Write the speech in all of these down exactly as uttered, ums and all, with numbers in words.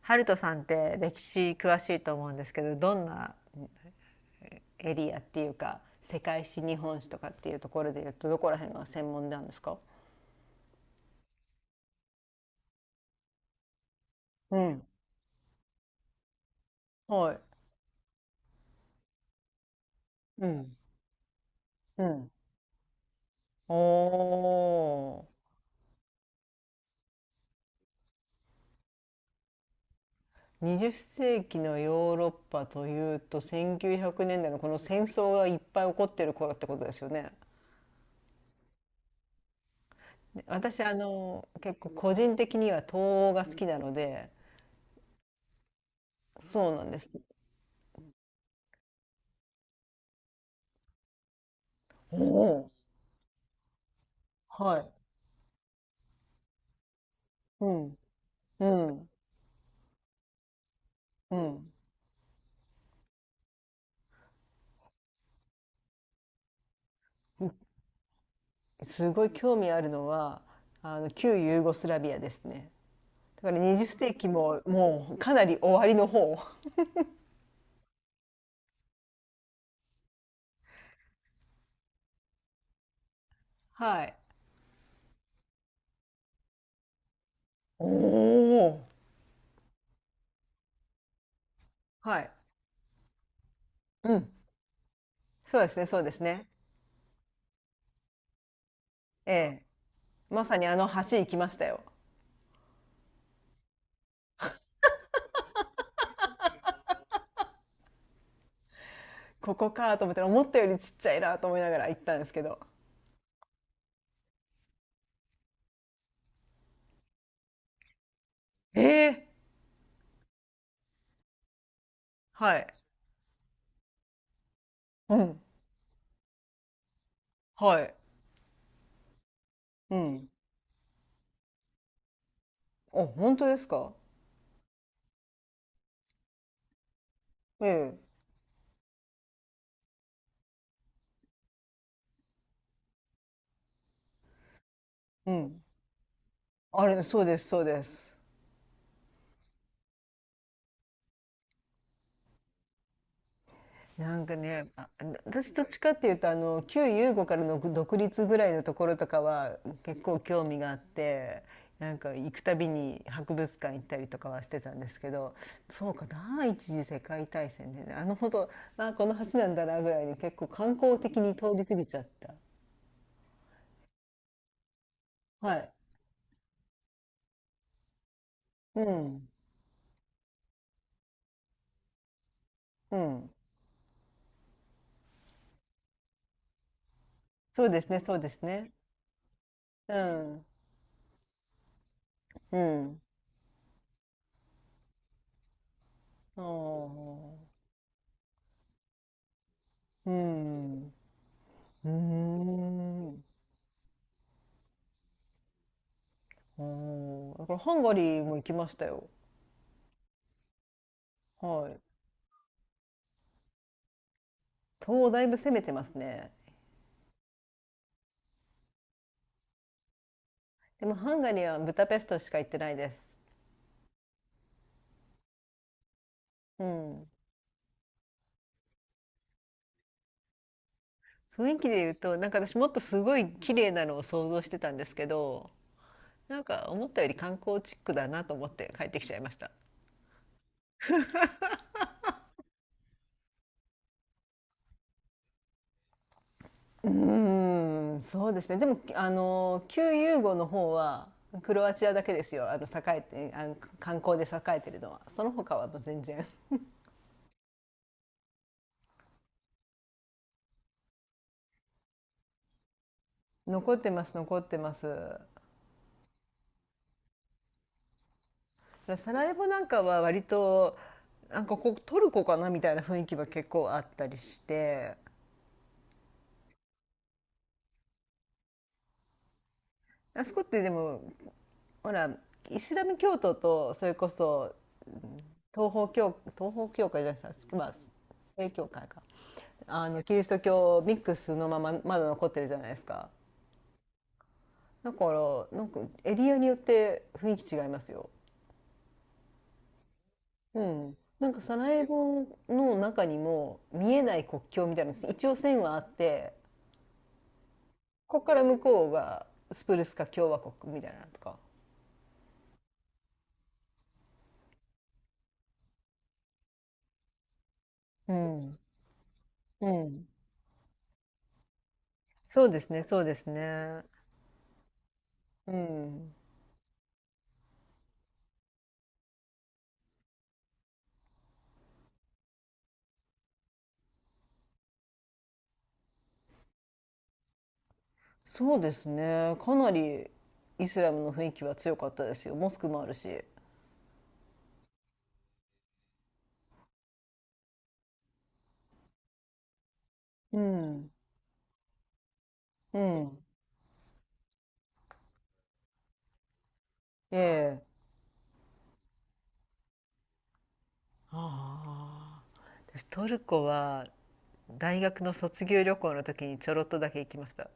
ハルトさんって歴史詳しいと思うんですけど、どんなエリアっていうか、世界史日本史とかっていうところで言うと、どこら辺が専門なんですか？うん、はい。うん、うん。おー。にじゅう世紀のヨーロッパというと、せんきゅうひゃくねんだいのこの戦争がいっぱい起こってる頃ってことですよね。で、私あの結構個人的には東欧が好きなので。そうなんです。おお、はい。うん、うん、うん。すごい興味あるのはあの旧ユーゴスラビアですね。だからにじゅう世紀ももうかなり終わりの方。はい。おお。はい。うん。そうですね、そうですね。ええ。まさにあの橋行きましたよ。ここかと思ったら、思ったよりちっちゃいなと思いながら行ったんですけど。ええ。はい。うん。はい。うん。あ、本当ですか？ええ。うん。あれ、そうです、そうです。なんかね、あ、私どっちかっていうと、あの、旧ユーゴからの独立ぐらいのところとかは結構興味があって、なんか行くたびに博物館行ったりとかはしてたんですけど、そうか、第一次世界大戦でね、あのほど、あ、この橋なんだなぐらいに結構観光的に通り過ぎちゃった。はい。うん。うん。そうですね、そうですね。うん。うん。ああ。うん。うーん。あーだからハンガリーも行きましたよ。はい。東だいぶ攻めてますね。でもハンガリーはブダペストしか行ってないです。うん。雰囲気で言うと、なんか私もっとすごい綺麗なのを想像してたんですけど、なんか思ったより観光チックだなと思って帰ってきちゃいました。うーん、そうですね。でも、あの、旧ユーゴの方は、クロアチアだけですよ。あの、栄えて、あの、観光で栄えてるのは。その他はもう全然。残ってます、残ってます。サラエボなんかは割と、なんかここトルコかなみたいな雰囲気は結構あったりして、あそこってでもほら、イスラム教徒とそれこそ東方教東方教会じゃないですか、まあ、正教会か、あのキリスト教ミックスのまままだ残ってるじゃないですか。だからなんかエリアによって雰囲気違いますよ。うん、なんかサラエボの中にも見えない国境みたいなの一応線はあって、こっから向こうがスプルスカ共和国みたいなのとか。うん。うん。そうですね、そうですね。うん。そうですね。かなりイスラムの雰囲気は強かったですよ。モスクもあるし。うん。うん。ええ。ああ。私トルコは大学の卒業旅行の時にちょろっとだけ行きました。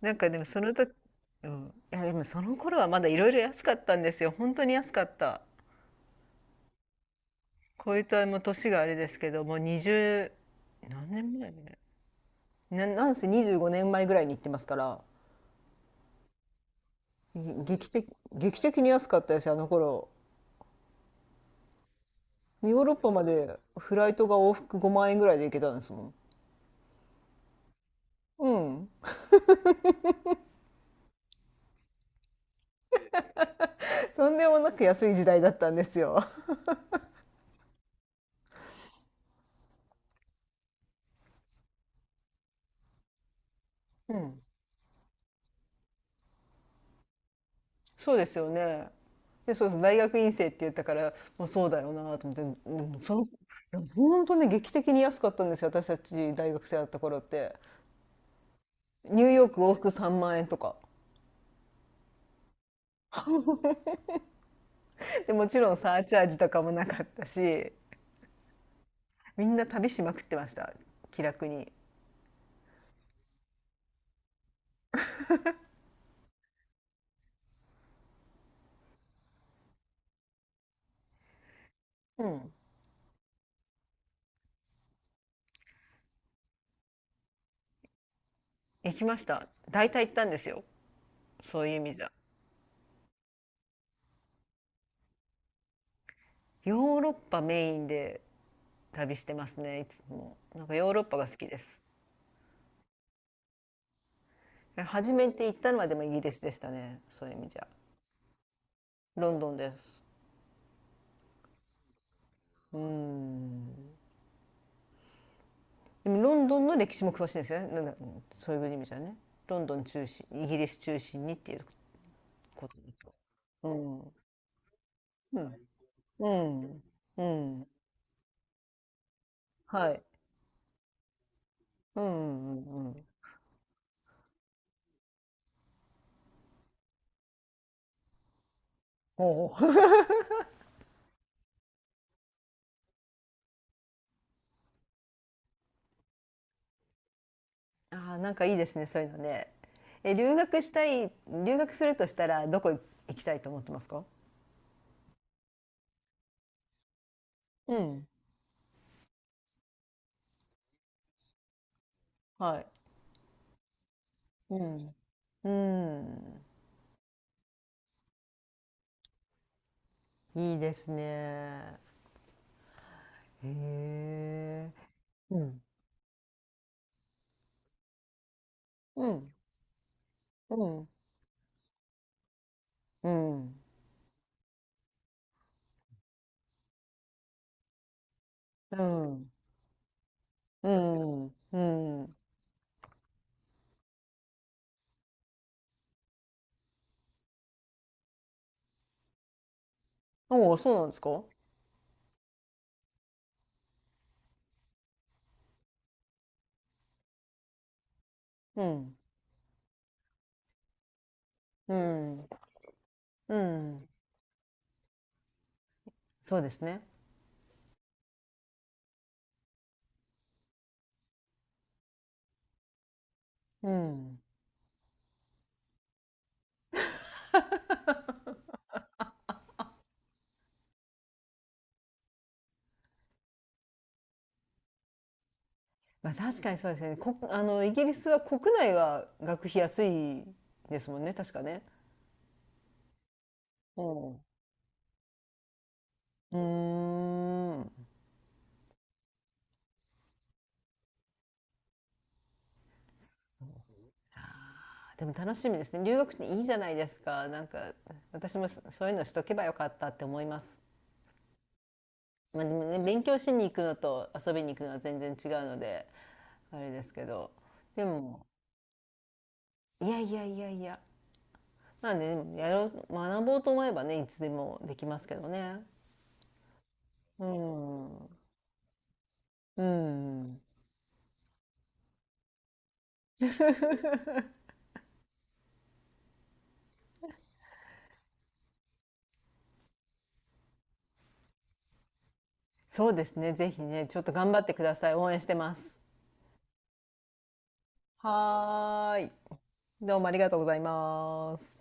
なんかでもその時、うん。いやでもその頃はまだいろいろ安かったんですよ。本当に安かった。こいつはもう年があれですけど、もうにじゅう、何年前ね、な、なんせにじゅうごねんまえぐらいに行ってますから、ぎ劇的、劇的に安かったですよ、あの頃。ヨーロッパまでフライトが往復ごまん円ぐらいで行けたんですもん。うん。とんでもなく安い時代だったんですよ。うん。そうですよね。で、そうそう、大学院生って言ったから、もうそうだよなと思って、うん、その、いや本当ね、劇的に安かったんですよ、私たち大学生だった頃って。ニューヨーク往復さんまん円とか。でもちろんサーチャージとかもなかったし、みんな旅しまくってました、気楽に。うん、行きました。大体行ったんですよ、そういう意味じゃ。ヨーロッパメインで旅してますね、いつも。なんかヨーロッパが好きです。初めて行ったのはでもイギリスでしたね、そういう意味じゃ。ロンドンです。うーん、でもロンドンの歴史も詳しいんですよね、なんだ、そういう意味じゃね、ロンドン中心イギリス中心にっていうことだと。うん、うん、うん、うん、はい。うん、うん、うん。おお。ああ、なんかいいですね、そういうのね。え、留学したい、留学するとしたら、どこ行きたいと思ってますか？うん。はい。うん。うん。いいですね。へえ。うん。うん。うん。うん。うん。うん。うん。おお、そうなんですか？うん。うん。うん。そうですね。うん。まあ、確かにそうですね、こあのイギリスは国内は学費安いですもんね、確かね。お、うん、うーん。でも楽しみですね、留学っていいじゃないですか、なんか私もそそういうのしとけばよかったって思います。まあ、でもね、勉強しに行くのと遊びに行くのは全然違うのであれですけど、でもいやいやいやいや、まあね、でもやろう学ぼうと思えばね、いつでもできますけどね。うん、うん。 そうですね。ぜひね、ちょっと頑張ってください。応援してます。はーい。どうもありがとうございます。